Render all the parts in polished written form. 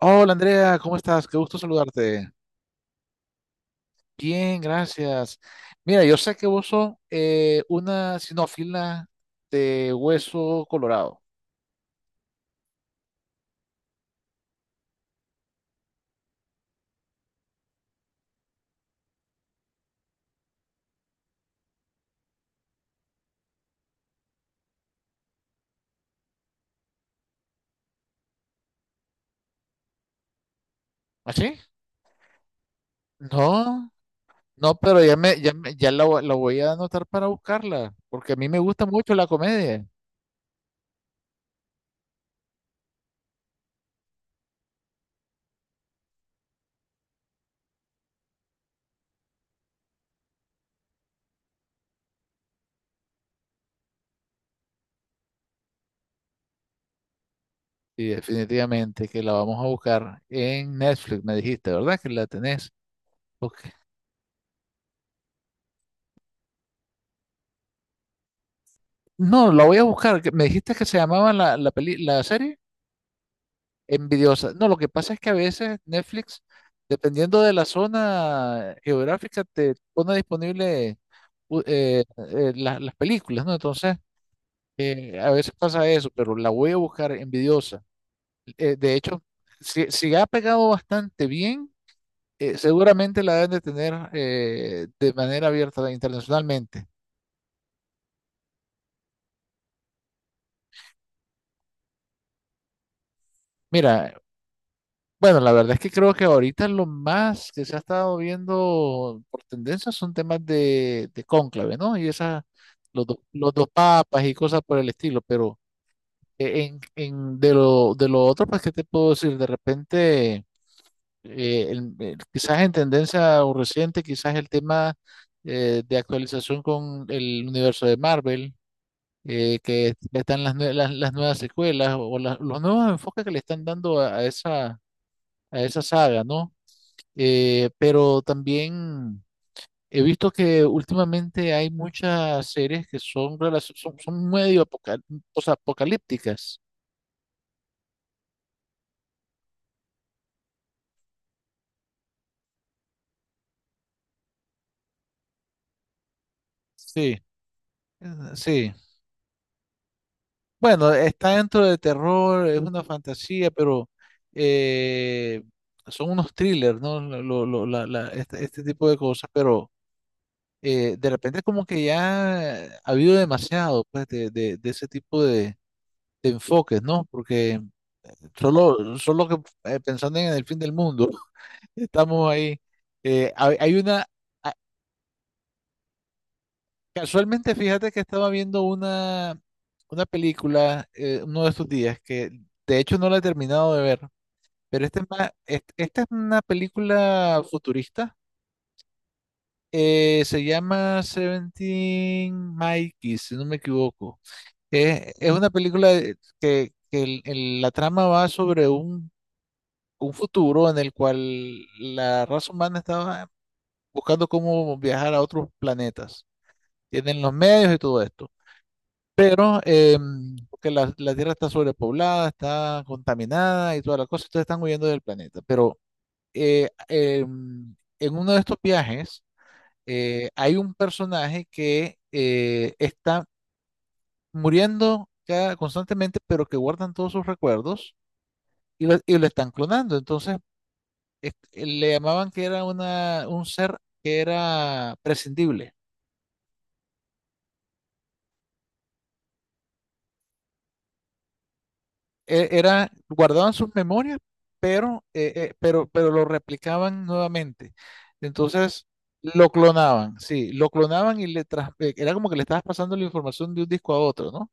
Hola Andrea, ¿cómo estás? Qué gusto saludarte. Bien, gracias. Mira, yo sé que vos sos una sinófila de hueso colorado. ¿Así? No, no, pero la voy a anotar para buscarla, porque a mí me gusta mucho la comedia. Y definitivamente que la vamos a buscar en Netflix, me dijiste, ¿verdad? Que la tenés. Ok. No, la voy a buscar. Me dijiste que se llamaba la serie. Envidiosa. No, lo que pasa es que a veces Netflix, dependiendo de la zona geográfica, te pone disponible las películas, ¿no? Entonces, a veces pasa eso, pero la voy a buscar envidiosa. De hecho, si ha pegado bastante bien, seguramente la deben de tener de manera abierta internacionalmente. Mira, bueno, la verdad es que creo que ahorita lo más que se ha estado viendo por tendencia son temas de cónclave, ¿no? Y esas, los dos papas y cosas por el estilo, pero de de lo otro, pues, ¿qué te puedo decir? De repente, quizás en tendencia o reciente, quizás el tema de actualización con el universo de Marvel, que están las nuevas secuelas o los nuevos enfoques que le están dando a esa, a esa saga, ¿no? Pero también he visto que últimamente hay muchas series que son, son medio apocalípticas. Sí, eh, sí. Bueno, está dentro de terror, es una fantasía, pero eh, son unos thrillers, ¿no? Este tipo de cosas, pero de repente como que ya ha habido demasiado, pues, de ese tipo de enfoques, ¿no? Porque solo, solo que pensando en el fin del mundo, estamos ahí. Hay una, ah, casualmente fíjate que estaba viendo una película uno de estos días, que de hecho no la he terminado de ver, pero esta es una película futurista, se llama Seventeen Mikey, si no me equivoco. Es una película que la trama va sobre un futuro en el cual la raza humana estaba buscando cómo viajar a otros planetas. Tienen los medios y todo esto. Pero porque la Tierra está sobrepoblada, está contaminada y toda la cosa, entonces están huyendo del planeta. Pero en uno de estos viajes hay un personaje que está muriendo constantemente, pero que guardan todos sus recuerdos y lo están clonando. Entonces le llamaban que era un ser que era prescindible. Era, guardaban sus memorias, pero, pero lo replicaban nuevamente. Entonces, lo clonaban, sí, lo clonaban y era como que le estabas pasando la información de un disco a otro, ¿no?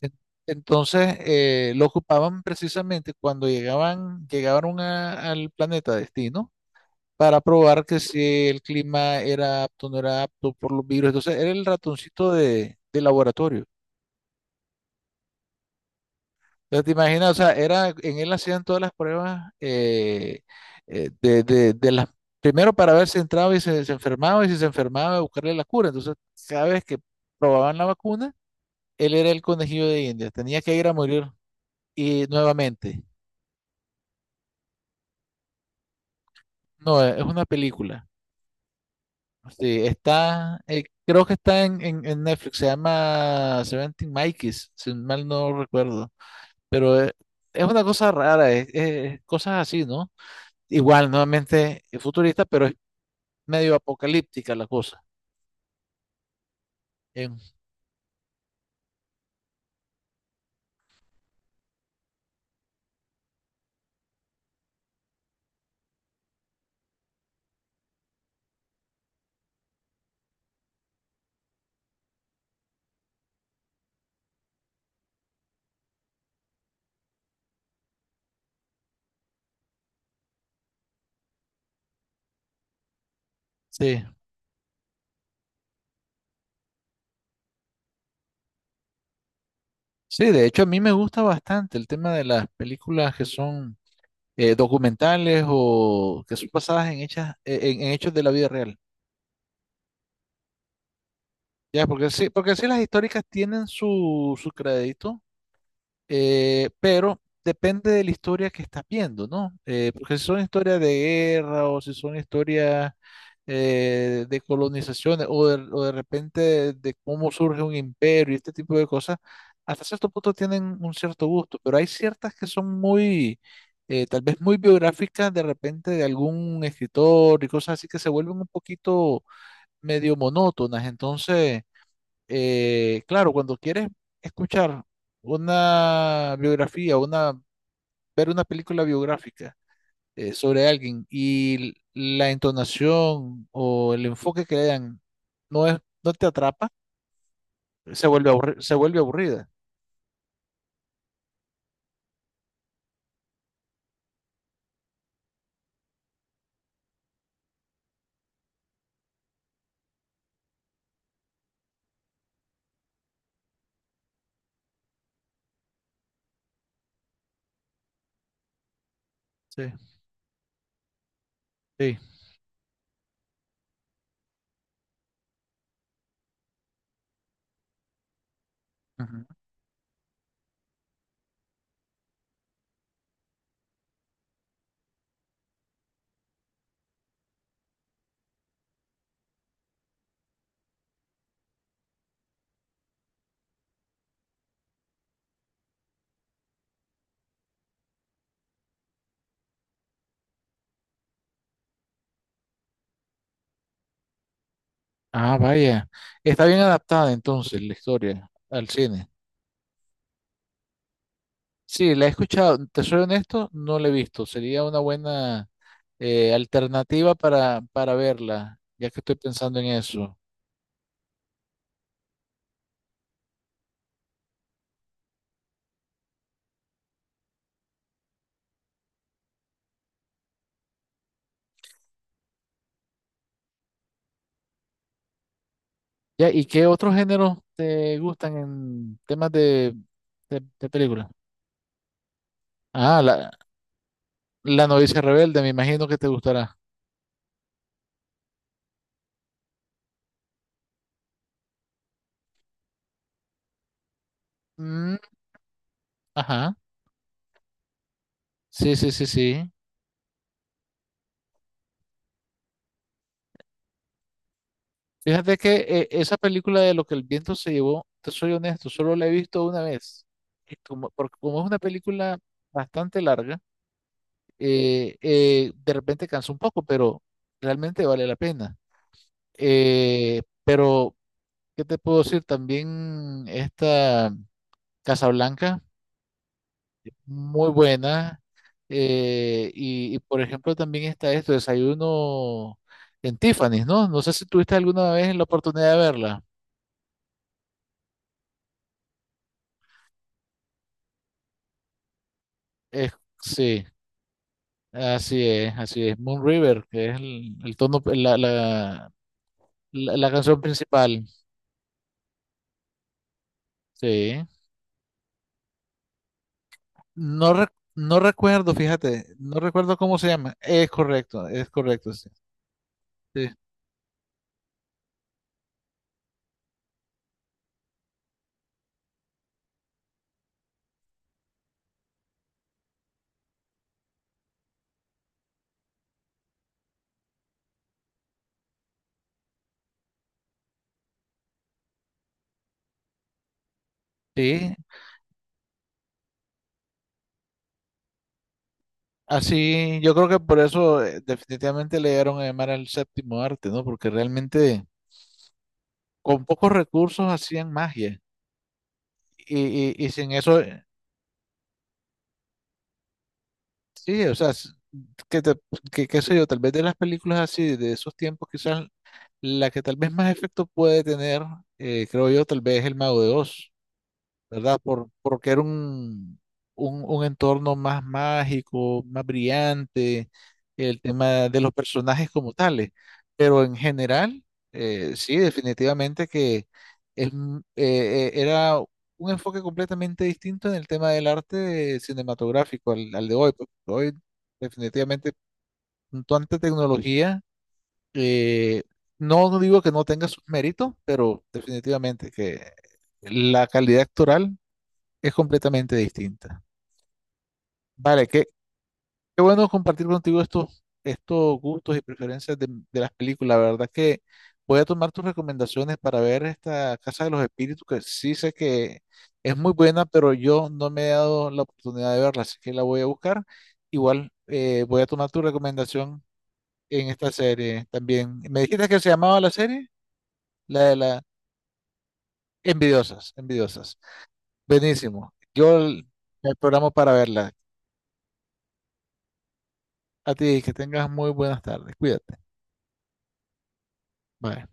En- Entonces, lo ocupaban precisamente cuando llegaron al planeta destino para probar que si el clima era apto o no era apto por los virus. Entonces, era el ratoncito de laboratorio. Pero te imaginas, o sea, era, en él hacían todas las pruebas de las, primero para ver si entraba y se enfermaba, y si se enfermaba, buscarle la cura. Entonces, cada vez que probaban la vacuna, él era el conejillo de India, tenía que ir a morir y nuevamente. No, es una película. Sí, está, creo que está en Netflix, se llama Seventeen Mikeys, si mal no recuerdo. Pero es una cosa rara, cosas así, ¿no? Igual, nuevamente es futurista, pero es medio apocalíptica la cosa. Em, sí, sí, de hecho a mí me gusta bastante el tema de las películas que son documentales o que son basadas en, en hechos de la vida real. Ya, porque sí las históricas tienen su, su crédito. Pero depende de la historia que estás viendo, ¿no? Porque si son historias de guerra o si son historias de colonizaciones o de repente de cómo surge un imperio y este tipo de cosas, hasta cierto punto tienen un cierto gusto, pero hay ciertas que son muy, tal vez muy biográficas de repente de algún escritor y cosas así que se vuelven un poquito medio monótonas, entonces claro, cuando quieres escuchar una biografía, una, ver una película biográfica sobre alguien y la entonación o el enfoque que le dan no te atrapa, se vuelve aburrida. Sí, sí. Ujú. Ah, vaya. Está bien adaptada entonces la historia al cine. Sí, la he escuchado, te soy honesto, no la he visto. Sería una buena alternativa para verla, ya que estoy pensando en eso. Ya, ¿y qué otros géneros te gustan en temas de película? Ah, la novicia rebelde, me imagino que te gustará. Mm, ajá, sí, sí, sí, sí. Fíjate que esa película de lo que el viento se llevó, te soy honesto, solo la he visto una vez. Y como, porque como es una película bastante larga, de repente cansa un poco, pero realmente vale la pena. Pero, ¿qué te puedo decir? También esta... Casablanca muy buena. Eh, y, por ejemplo también está esto, desayuno en Tiffany's, ¿no? No sé si tuviste alguna vez la oportunidad de verla. Es- sí, así es, así es. Moon River, que es el tono, la, la canción principal. Sí. No, no recuerdo, fíjate, no recuerdo cómo se llama. Es correcto, sí. Sí. Sí, así, yo creo que por eso definitivamente le dieron a llamar al séptimo arte, ¿no? Porque realmente... con pocos recursos hacían magia. Y sin eso, sí, o sea, que, te- qué sé yo, tal vez de las películas así, de esos tiempos, quizás la que tal vez más efecto puede tener, creo yo, tal vez El Mago de Oz. ¿Verdad? Por, porque era un entorno más mágico, más brillante, el tema de los personajes como tales. Pero en general, sí, definitivamente que es era un enfoque completamente distinto en el tema del arte cinematográfico al, al de hoy. Porque hoy, definitivamente, con tanta tecnología, eh, no no digo que no tenga sus méritos, pero definitivamente que la calidad actoral es completamente distinta. Vale, qué, qué bueno compartir contigo estos, estos gustos y preferencias de las películas. La verdad que voy a tomar tus recomendaciones para ver esta Casa de los Espíritus, que sí sé que es muy buena, pero yo no me he dado la oportunidad de verla, así que la voy a buscar. Igual voy a tomar tu recomendación en esta serie también. ¿Me dijiste que se llamaba la serie? La de la Envidiosas, Envidiosas. Buenísimo. Me programo para verla. A ti, que tengas muy buenas tardes. Cuídate. Bye.